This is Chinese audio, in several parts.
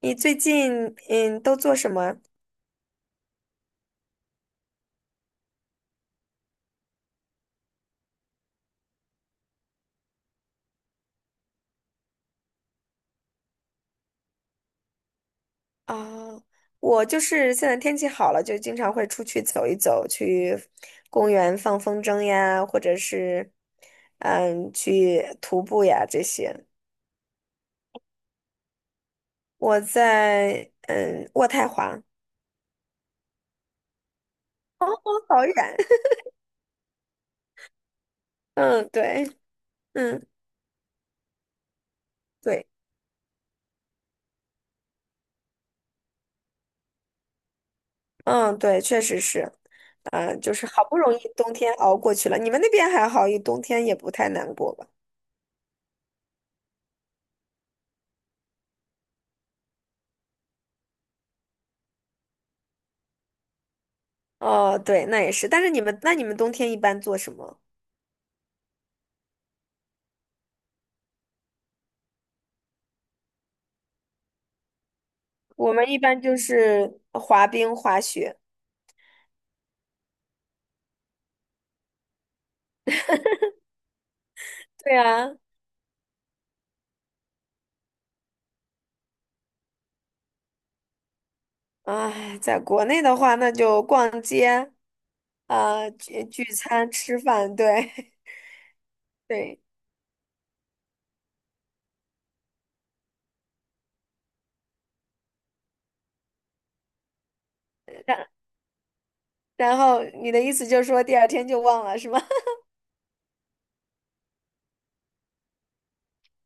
你最近都做什么啊？我就是现在天气好了，就经常会出去走一走，去公园放风筝呀，或者是去徒步呀这些。我在渥太华。哦，好远。嗯对，嗯对，嗯对，确实是。就是好不容易冬天熬过去了。你们那边还好，一冬天也不太难过吧？哦，对，那也是。但是你们，那你们冬天一般做什么？我们一般就是滑冰、滑雪。对啊。哎，在国内的话，那就逛街啊，聚聚餐、吃饭，对。 对。然然后你的意思就是说第二天就忘了是吗？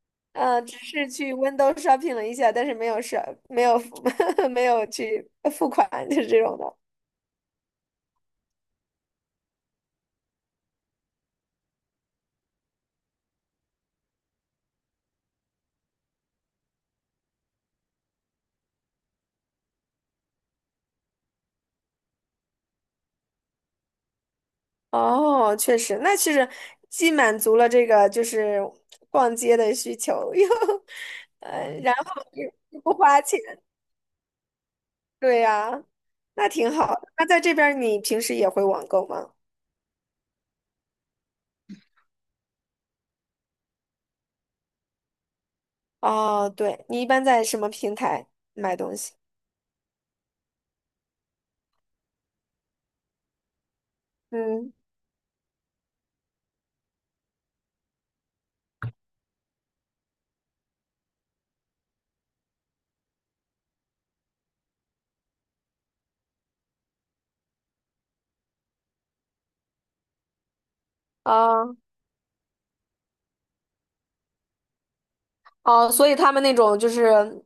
嗯，只是去 window shopping 了一下，但是没有是没有 没有去付款，就是这种的。哦，确实，那其实既满足了这个就是逛街的需求，又 然后又不花钱。对呀。那挺好的。那在这边儿你平时也会网购吗？哦，对，你一般在什么平台买东西？嗯。哦哦，所以他们那种就是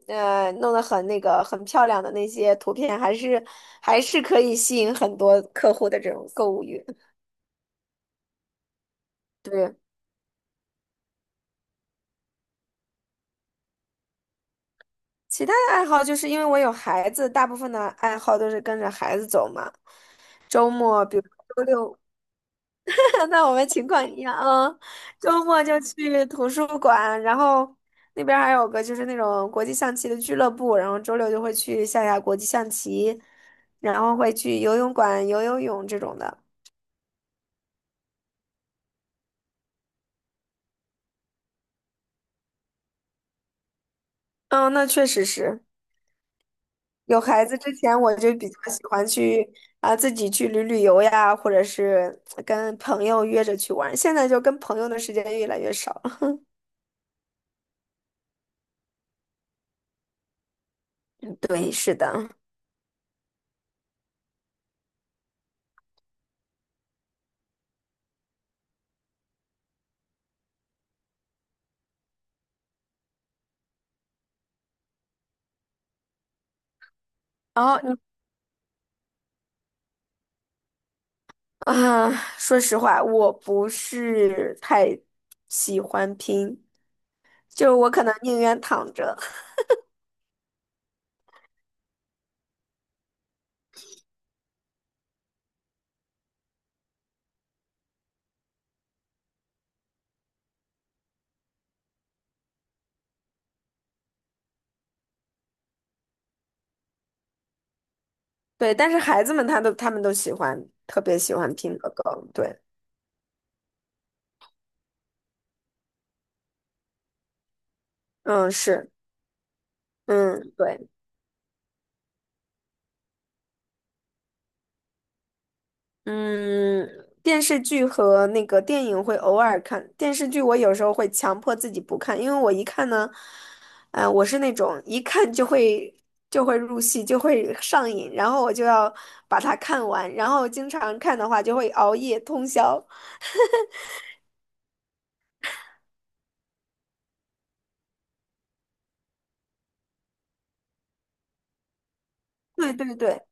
弄得很那个很漂亮的那些图片，还是可以吸引很多客户的这种购物欲。对，其他的爱好就是因为我有孩子，大部分的爱好都是跟着孩子走嘛。周末，比如周六。那我们情况一样，啊，周末就去图书馆，然后那边儿还有个就是那种国际象棋的俱乐部，然后周六就会去下下国际象棋，然后会去游泳馆游游泳这种的。嗯，那确实是。有孩子之前，我就比较喜欢去自己去旅旅游呀，或者是跟朋友约着去玩儿。现在就跟朋友的时间越来越少了。对，是的。然后啊，说实话，我不是太喜欢拼，就我可能宁愿躺着。对，但是孩子们他们都喜欢，特别喜欢拼乐高。对，嗯，是，嗯，对。嗯，电视剧和那个电影会偶尔看，电视剧我有时候会强迫自己不看，因为我一看呢，我是那种一看就会入戏，就会上瘾，然后我就要把它看完，然后经常看的话就会熬夜通宵。对对对，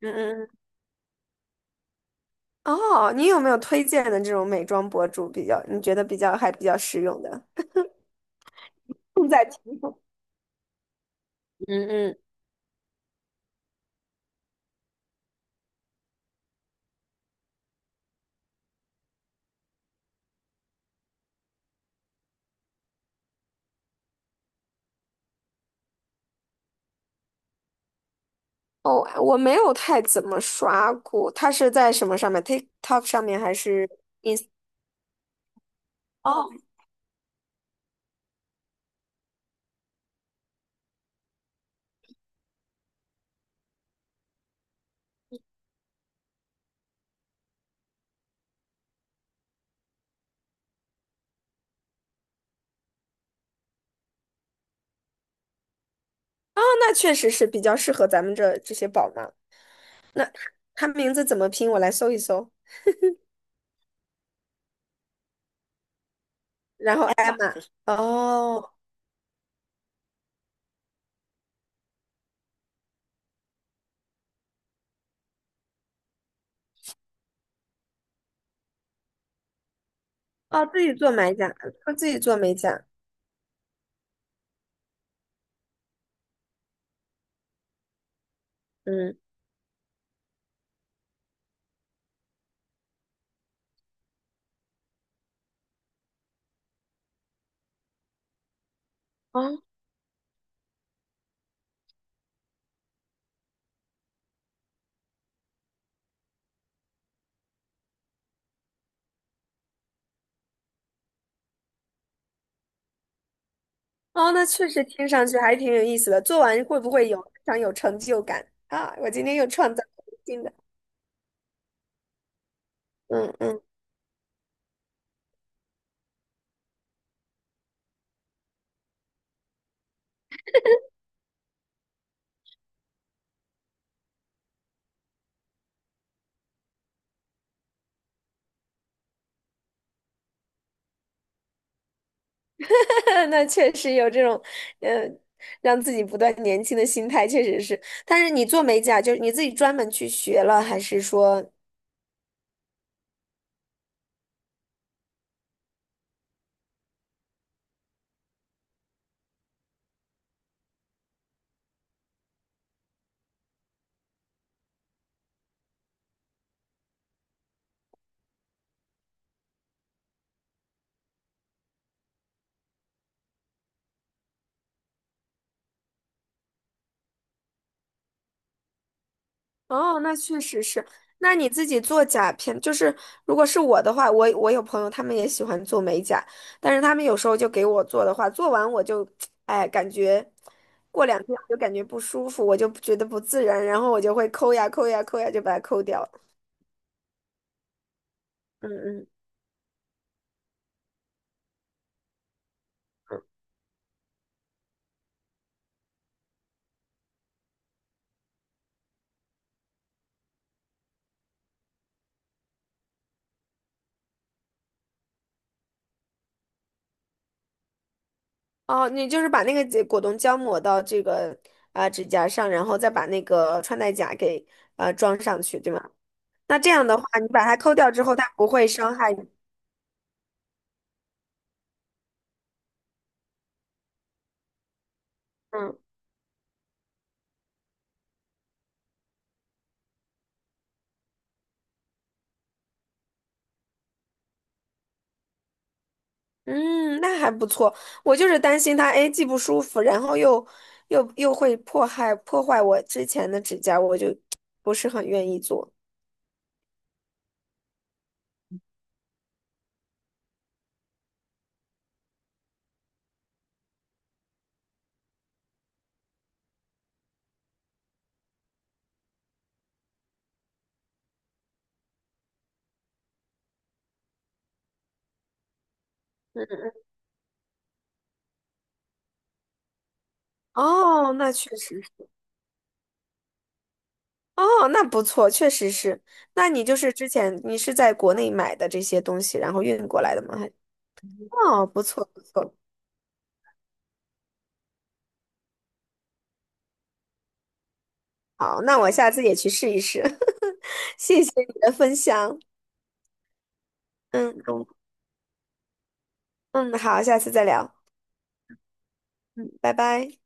嗯嗯嗯。哦，你有没有推荐的这种美妆博主比较，你觉得比较还比较实用的？重在题目。嗯嗯。哦，我没有太怎么刷过，它是在什么上面？TikTok 上面还是 Ins？哦，哦，那确实是比较适合咱们这些宝妈。它名字怎么拼？我来搜一搜。然后艾玛，哦哦，自己做美甲，他自己做美甲。嗯，哦哦，那确实听上去还挺有意思的。做完会不会有非常有成就感啊？我今天又创造了一个新的，嗯嗯。那确实有这种，呃，让自己不断年轻的心态，确实是。但是你做美甲，就是你自己专门去学了，还是说？哦，那确实是。那你自己做甲片，就是如果是我的话，我有朋友他们也喜欢做美甲，但是他们有时候就给我做的话，做完我就，哎，感觉过两天我就感觉不舒服，我就觉得不自然，然后我就会抠呀抠呀抠呀，就把它抠掉了。嗯嗯。哦，你就是把那个果冻胶抹到这个指甲上，然后再把那个穿戴甲给装上去，对吗？那这样的话，你把它抠掉之后，它不会伤害你。嗯嗯，那还不错。我就是担心它，哎，既不舒服，然后又会破坏我之前的指甲，我就不是很愿意做。嗯，哦，那确实是。哦，那不错，确实是。那你就是之前你是在国内买的这些东西，然后运过来的吗？哦，不错不错，好，那我下次也去试一试。谢谢你的分享，嗯嗯，好，下次再聊，嗯，拜拜。